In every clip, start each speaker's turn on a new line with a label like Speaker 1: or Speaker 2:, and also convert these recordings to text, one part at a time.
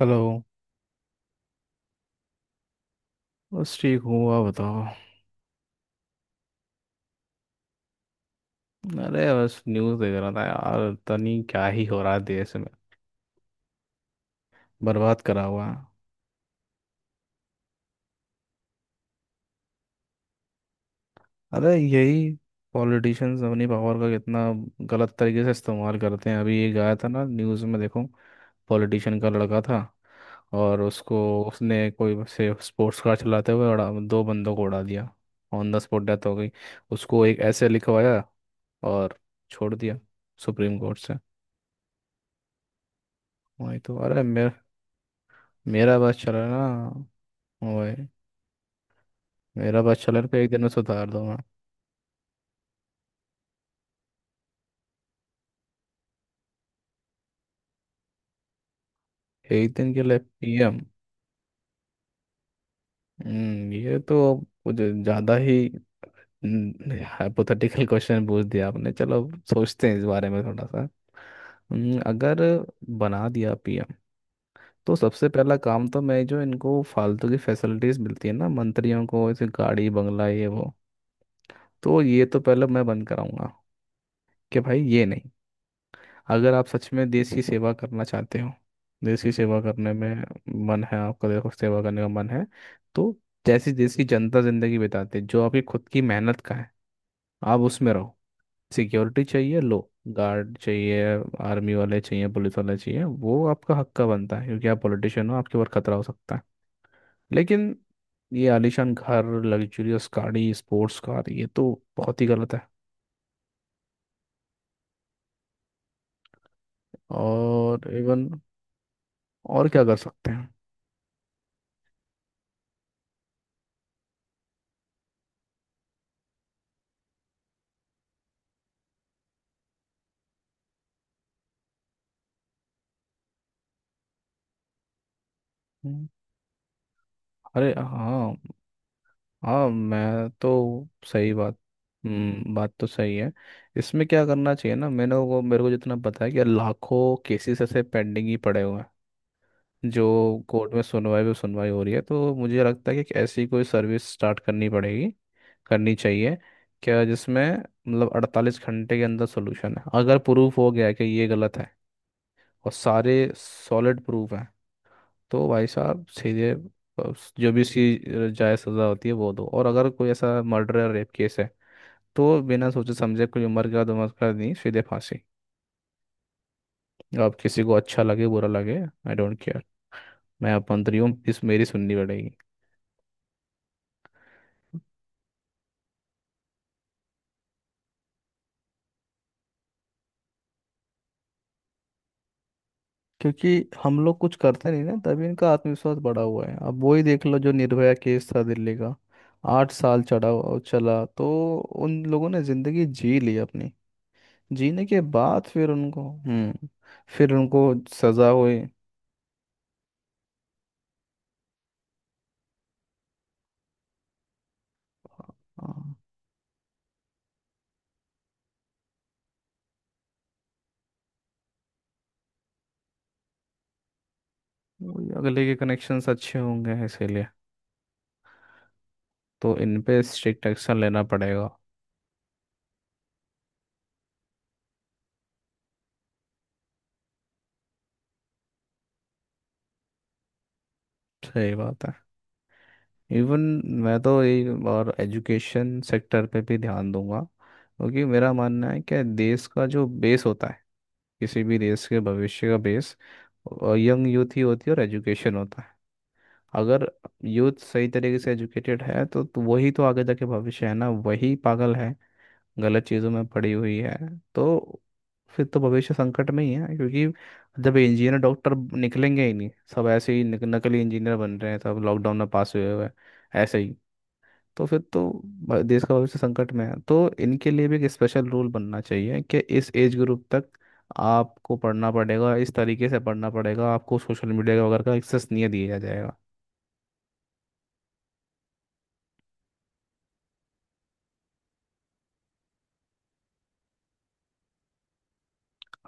Speaker 1: Hello. बस ठीक हूँ, आप बताओ। अरे बस न्यूज़ देख रहा था यार, पता नहीं क्या ही हो रहा है देश में। बर्बाद करा हुआ है। अरे यही पॉलिटिशियंस अपनी पावर का कितना गलत तरीके से इस्तेमाल करते हैं। अभी एक आया था ना न्यूज़ में, देखो पॉलिटिशियन का लड़का था और उसको उसने कोई से स्पोर्ट्स कार चलाते हुए उड़ा दो बंदों को उड़ा दिया। ऑन द स्पॉट डेथ हो गई। उसको एक ऐसे लिखवाया और छोड़ दिया सुप्रीम कोर्ट से। वही तो। अरे मेरे मेरा बस चला ना। ओए, मेरा बस चला ना, फिर एक दिन में सुधार दूंगा। एक दिन के लिए पीएम? ये तो कुछ ज्यादा ही हाइपोथेटिकल क्वेश्चन पूछ दिया आपने। चलो सोचते हैं इस बारे में थोड़ा सा। अगर बना दिया पीएम, तो सबसे पहला काम तो मैं जो इनको फालतू की फैसिलिटीज मिलती है ना मंत्रियों को, ऐसे गाड़ी बंगला ये वो, तो ये तो पहले मैं बंद कराऊंगा। कि भाई ये नहीं, अगर आप सच में देश की सेवा करना चाहते हो, देश की सेवा करने में मन है आपका, देखो सेवा करने का मन है तो जैसी देश की जनता जिंदगी बिताते जो आपकी खुद की मेहनत का है, आप उसमें रहो। सिक्योरिटी चाहिए लो, गार्ड चाहिए, आर्मी वाले चाहिए, पुलिस वाले चाहिए, वो आपका हक का बनता है क्योंकि आप पॉलिटिशियन हो, आपके ऊपर खतरा हो सकता है। लेकिन ये आलीशान घर, लग्जूरियस गाड़ी, स्पोर्ट्स कार, ये तो बहुत ही गलत है। और इवन, और क्या कर सकते हैं। हम्म, अरे हाँ, हाँ मैं तो सही बात। हम्म, बात तो सही है। इसमें क्या करना चाहिए ना, मैंने वो, मेरे को जितना पता है कि लाखों केसेस ऐसे पेंडिंग ही पड़े हुए हैं, जो कोर्ट में सुनवाई पे सुनवाई हो रही है, तो मुझे लगता है कि ऐसी कोई सर्विस स्टार्ट करनी पड़ेगी, करनी चाहिए, क्या जिसमें मतलब 48 घंटे के अंदर सोल्यूशन है। अगर प्रूफ हो गया कि ये गलत है और सारे सॉलिड प्रूफ हैं, तो भाई साहब सीधे जो भी उसकी जायज़ सज़ा होती है वो दो। और अगर कोई ऐसा मर्डर या रेप केस है तो बिना सोचे समझे कोई उम्र का नमस्कार नहीं, सीधे फांसी। अब किसी को अच्छा लगे बुरा लगे, आई डोंट केयर। मैं अपंतरी हूँ, इस मेरी सुननी पड़ेगी। क्योंकि हम लोग कुछ करते नहीं ना, तभी इनका आत्मविश्वास बढ़ा हुआ है। अब वही देख लो, जो निर्भया केस था दिल्ली का, 8 साल चला तो उन लोगों ने जिंदगी जी ली अपनी। जीने के बाद फिर उनको, फिर उनको सजा हुई। हाँ, वही, अगले के कनेक्शंस अच्छे होंगे इसीलिए। तो इन पे स्ट्रिक्ट एक्शन लेना पड़ेगा। सही बात है। इवन मैं तो यही, और एजुकेशन सेक्टर पे भी ध्यान दूंगा, क्योंकि मेरा मानना है कि देश का जो बेस होता है, किसी भी देश के भविष्य का बेस, यंग यूथ ही होती है और एजुकेशन होता है। अगर यूथ सही तरीके से एजुकेटेड है तो वही तो आगे जाके भविष्य है ना। वही पागल है, गलत चीज़ों में पड़ी हुई है, तो फिर तो भविष्य संकट में ही है। क्योंकि जब इंजीनियर डॉक्टर निकलेंगे ही नहीं, सब ऐसे ही नकली इंजीनियर बन रहे हैं, सब लॉकडाउन में पास हुए हुए हैं, ऐसे ही, तो फिर तो देश का भविष्य संकट में है। तो इनके लिए भी एक स्पेशल रूल बनना चाहिए कि इस एज ग्रुप तक आपको पढ़ना पड़ेगा, इस तरीके से पढ़ना पड़ेगा, आपको सोशल मीडिया वगैरह का एक्सेस नहीं दिया जाएगा।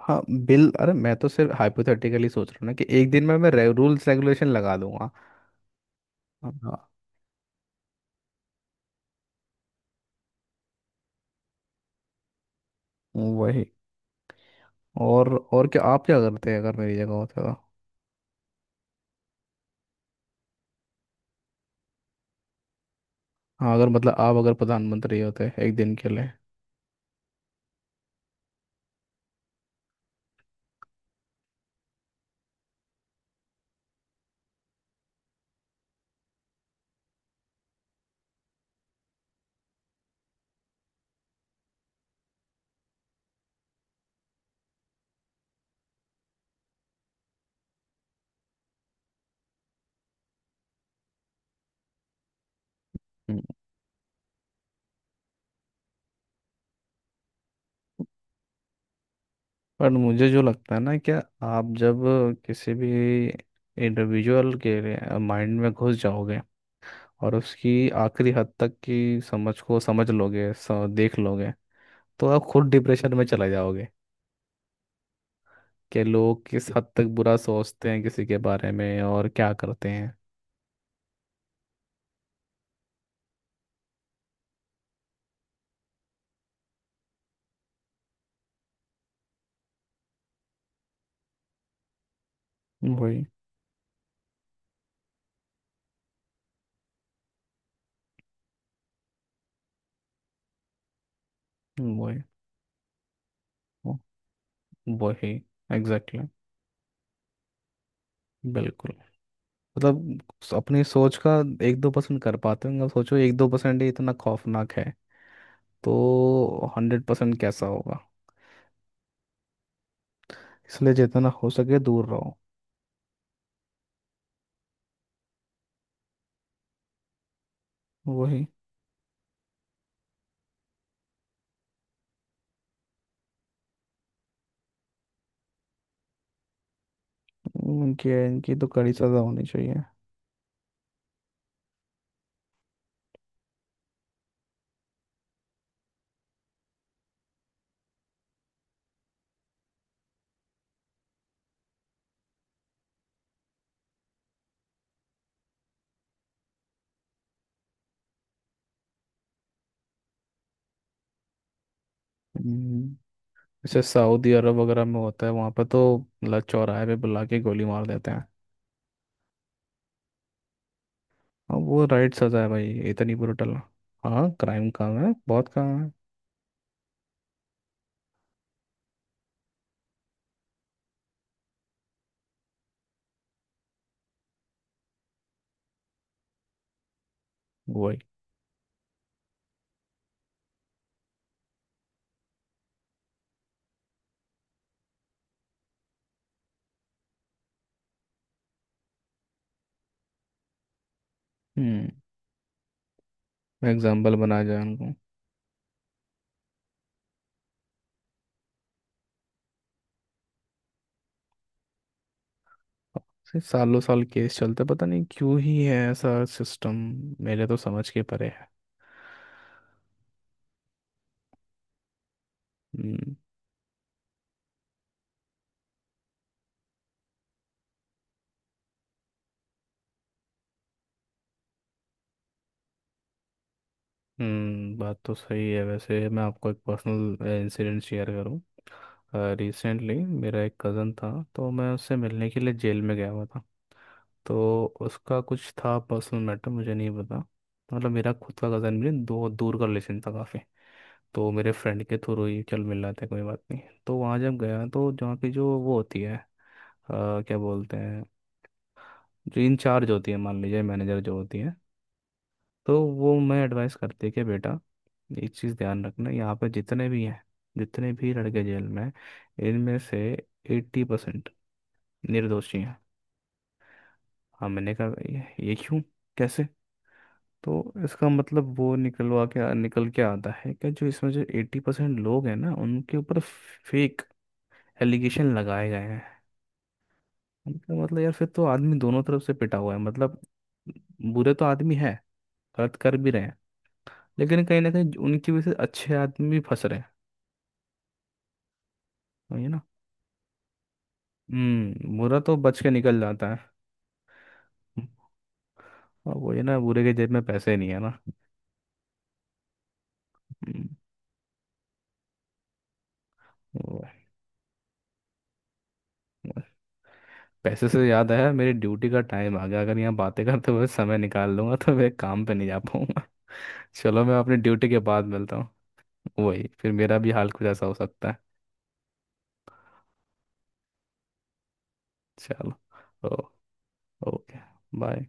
Speaker 1: हाँ बिल, अरे मैं तो सिर्फ हाइपोथेटिकली सोच रहा हूँ ना कि एक दिन में मैं रूल्स रेगुलेशन लगा दूंगा। हाँ हाँ, वही। और क्या, आप क्या करते हैं अगर मेरी जगह होते तो? हाँ, अगर मतलब आप अगर प्रधानमंत्री होते एक दिन के लिए। हम्म, पर मुझे जो लगता है ना, क्या आप जब किसी भी इंडिविजुअल के माइंड में घुस जाओगे और उसकी आखिरी हद तक की समझ को समझ लोगे, देख लोगे, तो आप खुद डिप्रेशन में चले जाओगे। कि लोग किस हद तक बुरा सोचते हैं किसी के बारे में और क्या करते हैं। वही। वही। वो- वही, एग्जैक्टली exactly, बिल्कुल। मतलब अपनी सोच का 1-2% कर पाते होंगे। अब सोचो 1-2% ही इतना खौफनाक है, तो 100% कैसा होगा। इसलिए जितना हो सके दूर रहो। वही। इनकी इनकी तो कड़ी सजा होनी चाहिए। हम्म, जैसे सऊदी अरब वगैरह में होता है वहाँ पर, तो मतलब चौराहे पे बुला के गोली मार देते हैं। अब वो राइट सजा है भाई, इतनी ब्रूटल। हाँ, क्राइम काम है, बहुत काम है। वही। हम्म, एग्जाम्पल बनाया जाए उनको। से सालों साल केस चलते हैं, पता नहीं क्यों ही है ऐसा सिस्टम। मेरे तो समझ के परे है। हम्म। बात तो सही है। वैसे मैं आपको एक पर्सनल इंसिडेंट शेयर करूं, रिसेंटली मेरा एक कज़न था, तो मैं उससे मिलने के लिए जेल में गया हुआ था। तो उसका कुछ था पर्सनल मैटर, मुझे नहीं पता। मतलब मेरा खुद का कज़न भी नहीं, दो दूर का रिलेशन था काफ़ी। तो मेरे फ्रेंड के थ्रू ही चल मिल रहा था, कोई बात नहीं। तो वहाँ जब गया तो जहाँ की जो वो होती है क्या बोलते हैं, जो इंचार्ज होती है, मान लीजिए मैनेजर जो होती है, तो वो मैं एडवाइस करती है कि बेटा, एक चीज़ ध्यान रखना, यहाँ पे जितने भी हैं, जितने भी लड़के जेल में हैं, इनमें से 80% निर्दोषी हैं। हाँ, मैंने कहा ये क्यों, कैसे? तो इसका मतलब वो निकलवा के निकल के आता है कि जो इसमें जो 80% लोग हैं ना, उनके ऊपर फेक एलिगेशन लगाए गए हैं। उनका मतलब यार फिर तो आदमी दोनों तरफ से पिटा हुआ है। मतलब बुरे तो आदमी है, गलत कर भी रहे हैं, लेकिन कहीं ना कहीं उनकी वजह से अच्छे आदमी भी फंस रहे हैं। वही ना। हम्म, बुरा तो बच के निकल जाता है। हम्म, और वही ना, बुरे के जेब में पैसे नहीं है ना। हम्म, वो है। पैसे से याद आया, मेरी ड्यूटी का टाइम आ गया। अगर यहाँ बातें करते हुए समय निकाल लूंगा तो मैं काम पे नहीं जा पाऊंगा। चलो, मैं अपनी ड्यूटी के बाद मिलता हूँ। वही, फिर मेरा भी हाल कुछ ऐसा हो सकता है। चलो। ओ। ओके। बाय।